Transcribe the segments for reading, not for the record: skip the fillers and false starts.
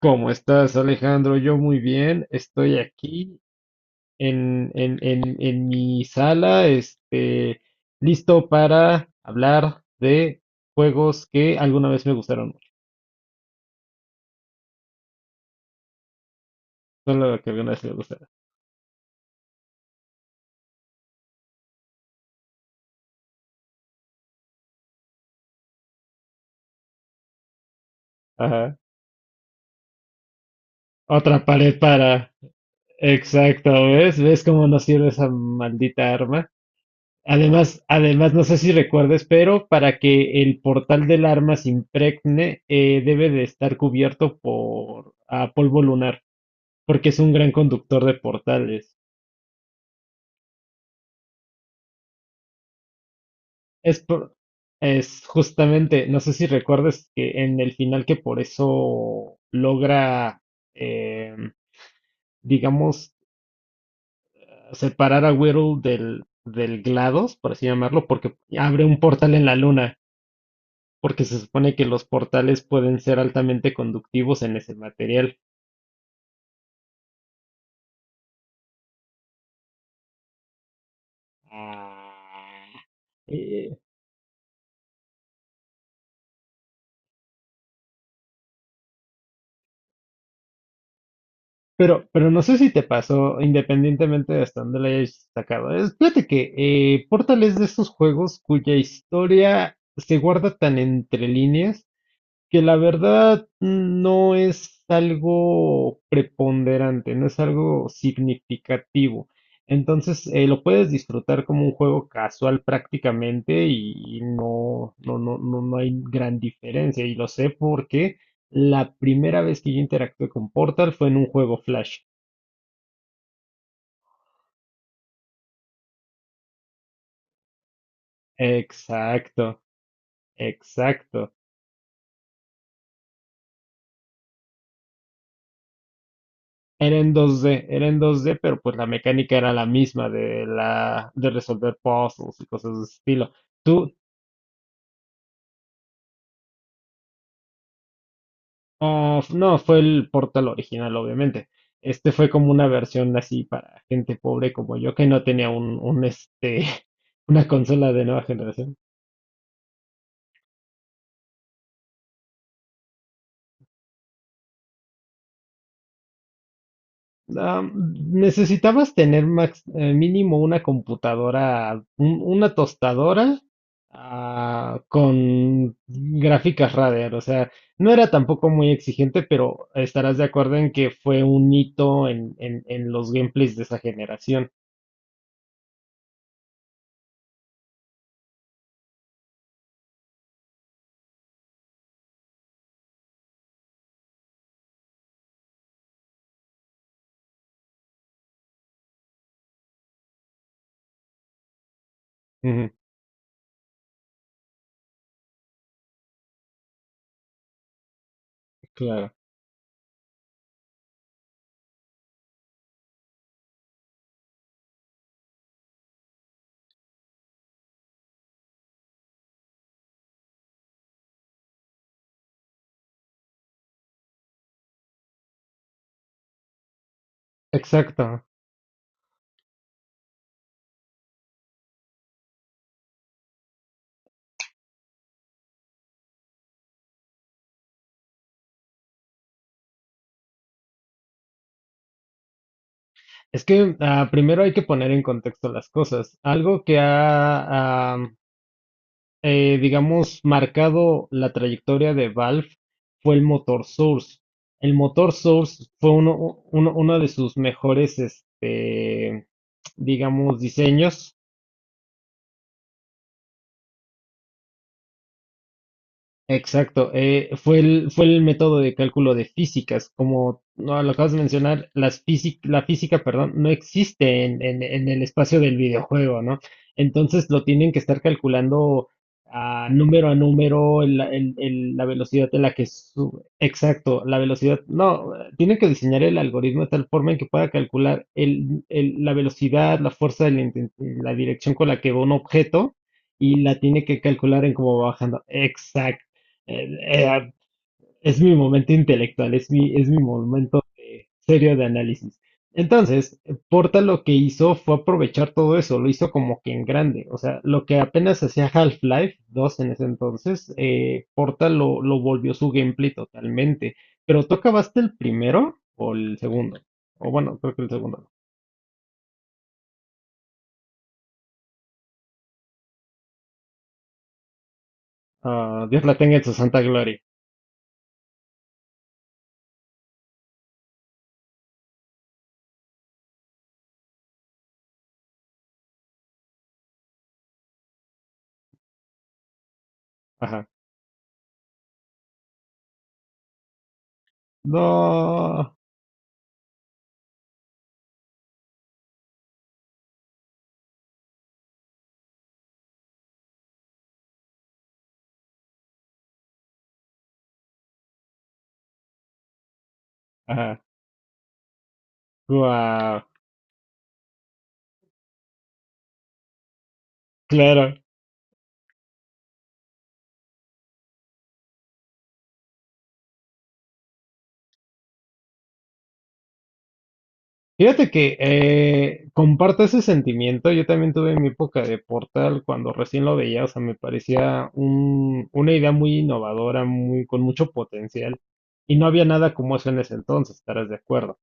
¿Cómo estás, Alejandro? Yo muy bien, estoy aquí en mi sala, listo para hablar de juegos que alguna vez me gustaron mucho, solo que alguna vez me gustaron. Ajá. Otra pared para... Exacto, ¿ves? ¿Ves cómo nos sirve esa maldita arma? Además, no sé si recuerdes, pero para que el portal del arma se impregne, debe de estar cubierto por polvo lunar. Porque es un gran conductor de portales. Es, por- es justamente, no sé si recuerdes que en el final que por eso logra, em, digamos, separar a Whirl del GLaDOS, por así llamarlo, porque abre un portal en la luna, porque se supone que los portales pueden ser altamente conductivos en ese material. Ah. Eh, pero, no sé si te pasó, independientemente de hasta dónde la hayas sacado. Fíjate que Portal es de esos juegos cuya historia se guarda tan entre líneas que la verdad no es algo preponderante, no es algo significativo. Entonces, lo puedes disfrutar como un juego casual prácticamente y no, no, no, no, no hay gran diferencia. Y lo sé porque la primera vez que yo interactué con Portal fue en un juego Flash. Exacto, exacto. Era en 2D, era en 2D, pero pues la mecánica era la misma de la de resolver puzzles y cosas de ese estilo. Tú, no, fue el Portal original, obviamente. Este fue como una versión así para gente pobre como yo que no tenía un una consola de nueva generación. Ah, necesitabas tener mínimo una computadora, una tostadora con gráficas Radeon. O sea, no era tampoco muy exigente, pero estarás de acuerdo en que fue un hito en los gameplays de esa generación. Ujú. Claro. Exacto. Es que primero hay que poner en contexto las cosas. Algo que digamos, marcado la trayectoria de Valve fue el motor Source. El motor Source fue uno de sus mejores, digamos, diseños. Exacto, fue el método de cálculo de físicas. Como no, lo acabas de mencionar, la física, perdón, no existe en el espacio del videojuego, ¿no? Entonces lo tienen que estar calculando a número, la velocidad de la que sube. Exacto, la velocidad. No, tienen que diseñar el algoritmo de tal forma en que pueda calcular la velocidad, la fuerza, la dirección con la que va un objeto y la tiene que calcular en cómo va bajando. Eh, eh, es mi momento intelectual, es mi momento serio de análisis. Entonces, Porta lo que hizo fue aprovechar todo eso, lo hizo como que en grande. O sea, lo que apenas hacía Half-Life dos en ese entonces, Porta lo volvió su gameplay totalmente. Pero ¿tú acabaste el primero o el segundo? O bueno, creo que el segundo. Ah, Dios la tenga en su santa gloria. Ajá. No. Ajá. Guau. Claro. Fíjate que comparto ese sentimiento. Yo también tuve mi época de Portal cuando recién lo veía, o sea, me parecía una idea muy innovadora, con mucho potencial, y no había nada como eso en ese entonces, estarás de acuerdo.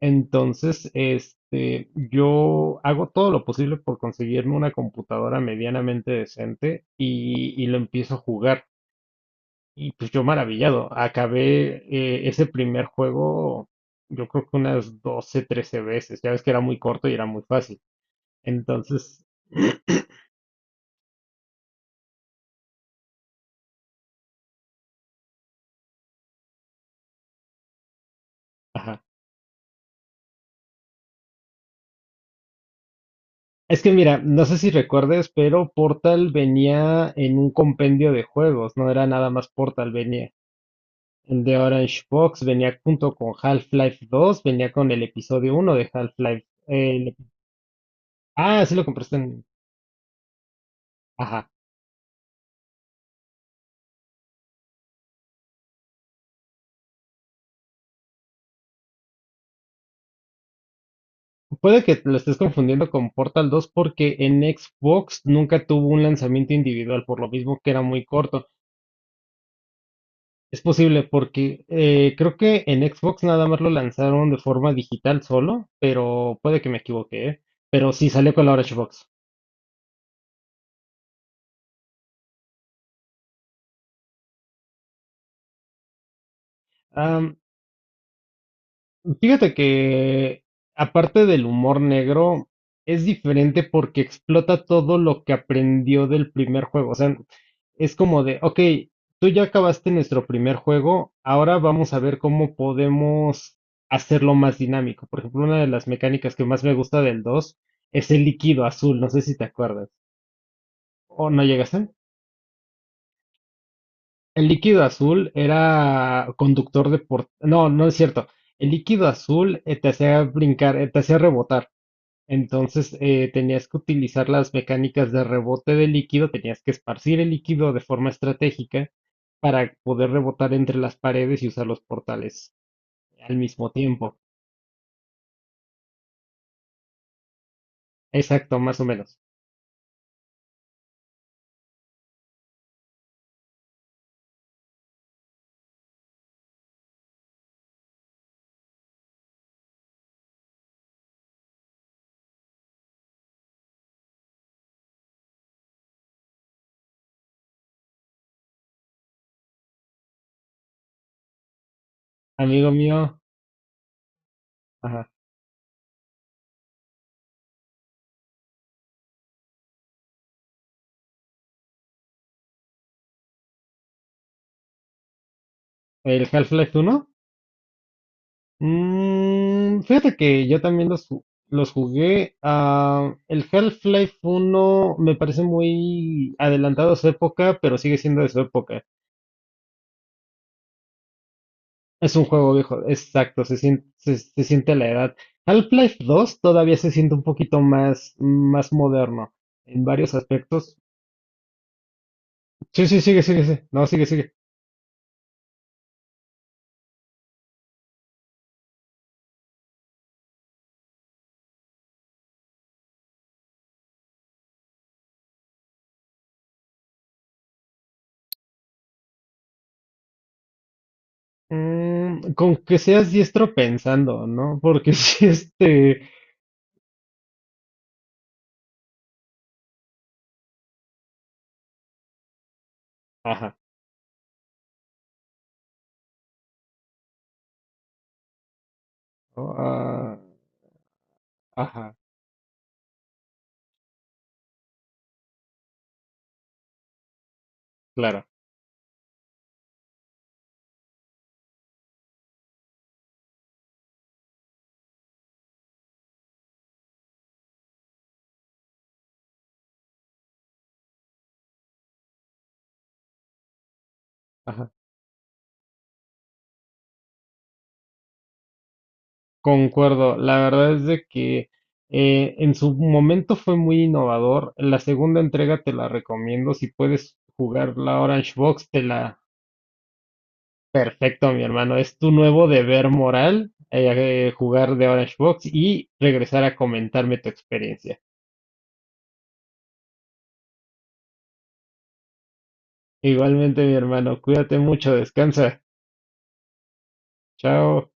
Entonces, yo hago todo lo posible por conseguirme una computadora medianamente decente y lo empiezo a jugar. Y pues yo maravillado, acabé ese primer juego, yo creo que unas 12 13 veces, ya ves que era muy corto y era muy fácil. Entonces, ajá. Es que mira, no sé si recuerdes, pero Portal venía en un compendio de juegos, no era nada más Portal, venía el de Orange Box, venía junto con Half-Life dos, venía con el episodio uno de Half-Life. Sí lo compraste en... Puede que lo estés confundiendo con Portal 2 porque en Xbox nunca tuvo un lanzamiento individual, por lo mismo que era muy corto. Es posible porque creo que en Xbox nada más lo lanzaron de forma digital solo, pero puede que me equivoque, ¿eh? Pero sí salió con la Orange Box. Fíjate que, aparte del humor negro, es diferente porque explota todo lo que aprendió del primer juego. O sea, es como de, ok, tú ya acabaste nuestro primer juego, ahora vamos a ver cómo podemos hacerlo más dinámico. Por ejemplo, una de las mecánicas que más me gusta del 2 es el líquido azul, no sé si te acuerdas. ¿O no llegaste? El líquido azul era conductor de por... No, no es cierto. El líquido azul te hacía brincar, te hacía rebotar. Entonces tenías que utilizar las mecánicas de rebote de líquido, tenías que esparcir el líquido de forma estratégica para poder rebotar entre las paredes y usar los portales al mismo tiempo. Exacto, más o menos. Amigo mío, ajá, ¿el Half-Life 1? Mm, fíjate que yo también los jugué. El Half-Life 1 me parece muy adelantado a su época, pero sigue siendo de su época. Es un juego viejo, exacto, se siente, se siente la edad. Half-Life dos todavía se siente un poquito más moderno en varios aspectos. Sí, sí, sigue, sigue, sigue. No, sigue, sigue. Mm, con que seas diestro pensando, ¿no? Porque si este... Ajá. Oh, ah, ajá, claro. Ajá. Concuerdo. La verdad es de que en su momento fue muy innovador. La segunda entrega te la recomiendo. Si puedes jugar la Orange Box, te la. Perfecto, mi hermano. Es tu nuevo deber moral jugar de Orange Box y regresar a comentarme tu experiencia. Igualmente, mi hermano, cuídate mucho, descansa. Chao.